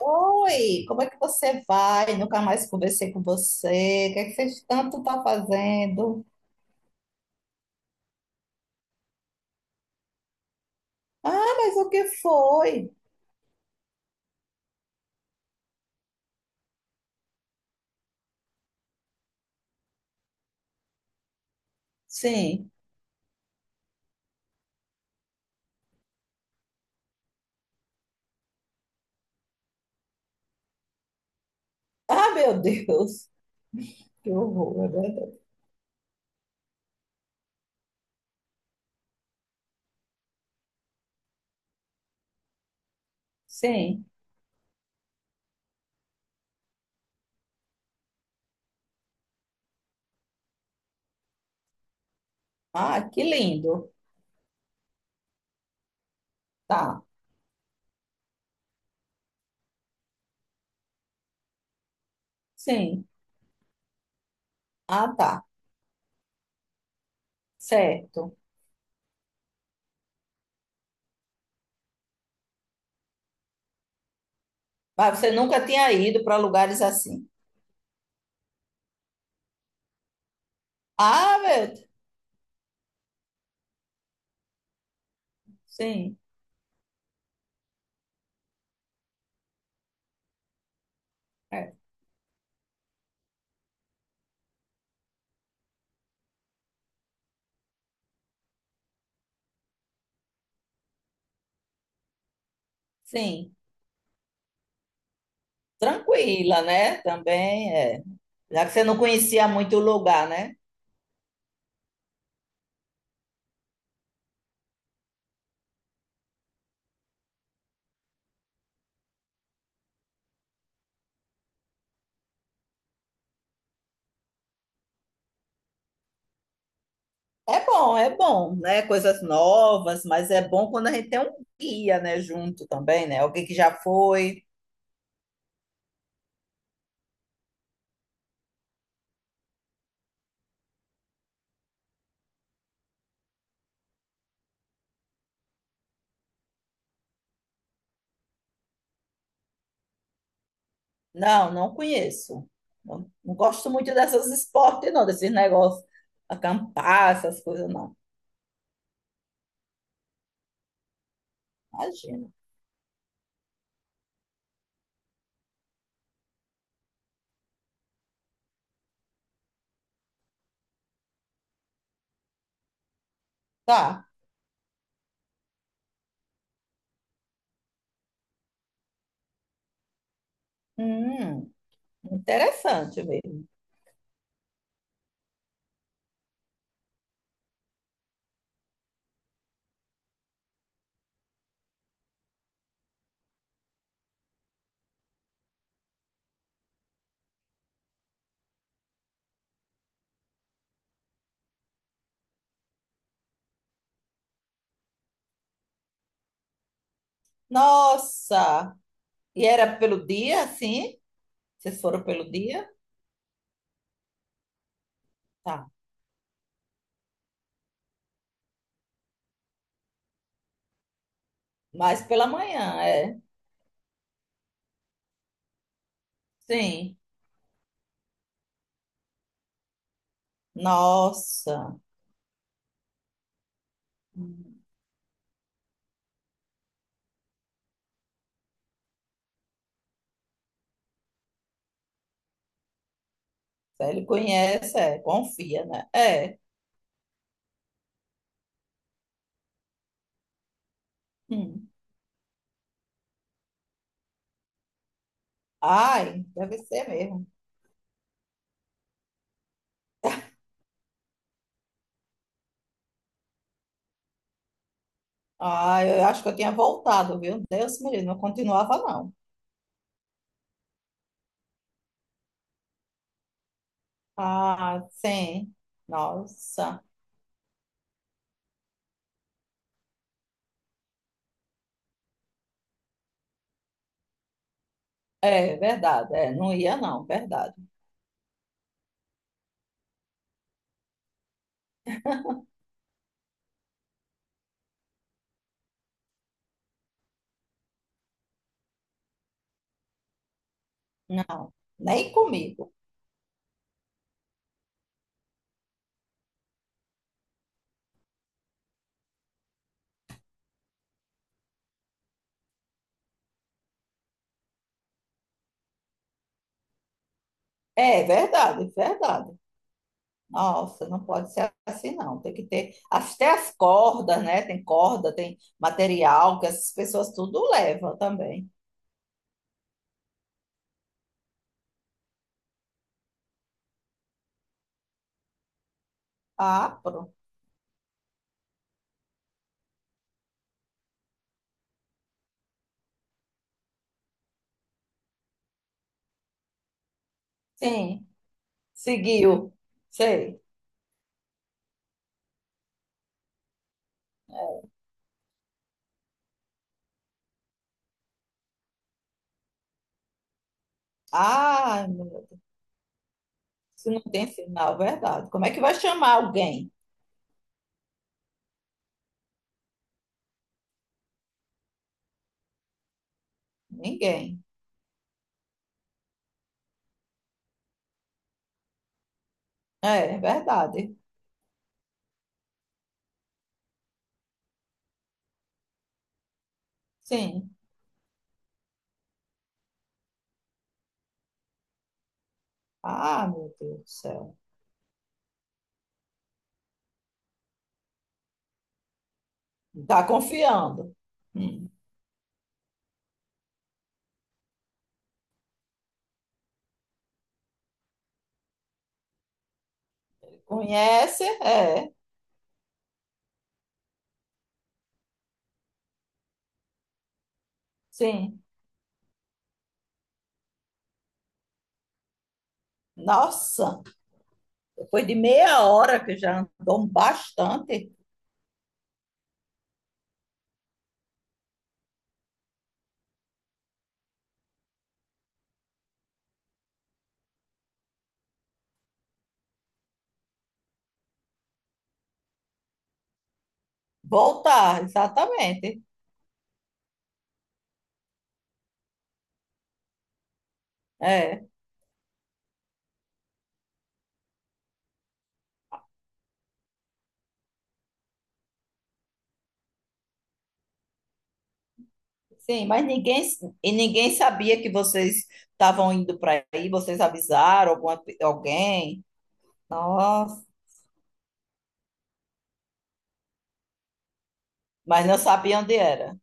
Oi, como é que você vai? Nunca mais conversei com você. O que é que você tanto está fazendo? Ah, mas o que foi? Sim. Ah, meu Deus. Que horror, é verdade. Sim. Ah, que lindo. Tá. Sim. Ah, tá. Certo. Mas você nunca tinha ido para lugares assim. Ah, meu Deus. Sim. É. Sim. Tranquila, né? Também é. Já que você não conhecia muito o lugar, né? É bom, né? Coisas novas, mas é bom quando a gente tem um guia, né, junto também, né? Alguém que já foi. Não, não conheço. Não, não gosto muito dessas esportes, não, desses negócios, acampar, essas coisas, não. Imagina. Tá. Hum, interessante mesmo. Nossa! E era pelo dia, sim? Vocês foram pelo dia? Tá. Mas pela manhã, é. Sim. Nossa. Se ele conhece, é, confia, né? É. Hum. Ai, deve ser mesmo. Ai, eu acho que eu tinha voltado, viu? Deus me livre, não continuava, não. Ah, sim. Nossa. É verdade, é, não ia, não, verdade. Não, nem comigo. É verdade, verdade. Nossa, não pode ser assim, não. Tem que ter até as cordas, né? Tem corda, tem material que essas pessoas tudo levam também. Ah, pronto. Sim, seguiu. Sei. Ah, mulher, se não tem sinal, verdade. Como é que vai chamar alguém? Ninguém. É, é verdade. Sim. Ah, meu Deus do céu. Tá confiando. Hum. Conhece? É, sim. Nossa, depois de meia hora que já andou bastante, voltar, exatamente. É, sim, mas ninguém e ninguém sabia que vocês estavam indo para aí, vocês avisaram alguma, alguém. Nossa, mas não sabia onde era.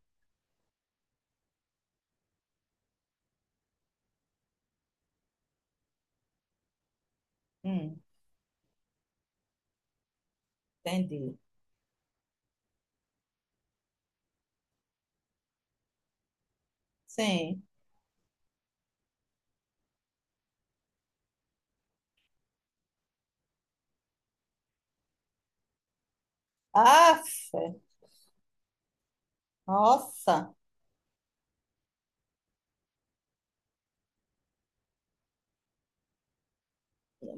Hum, entendi. Sim. Ah, nossa,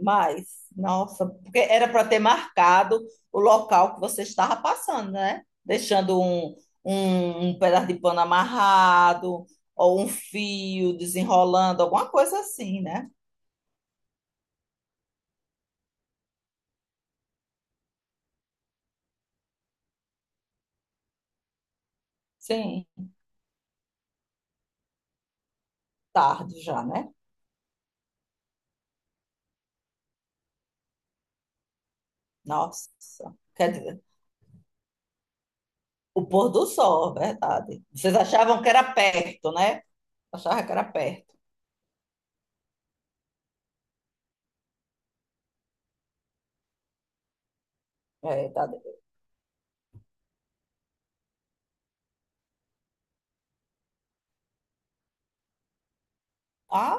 mas, nossa, porque era para ter marcado o local que você estava passando, né? Deixando um, um, um pedaço de pano amarrado, ou um fio desenrolando, alguma coisa assim, né? Sim, tarde já, né? Nossa, quer dizer, o pôr do sol, é verdade. Vocês achavam que era perto, né? Achavam que era perto. É, tá. Ah,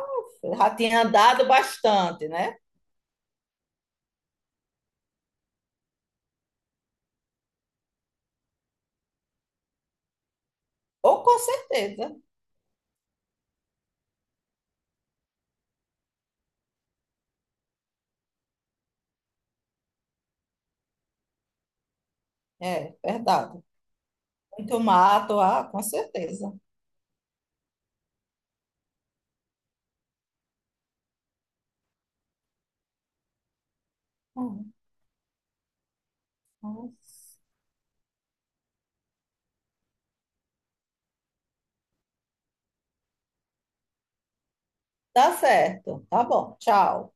já tinha andado bastante, né? Ou com certeza. É, verdade. Muito mato, ah, com certeza. Hum, hum. Tá certo. Tá bom. Tchau.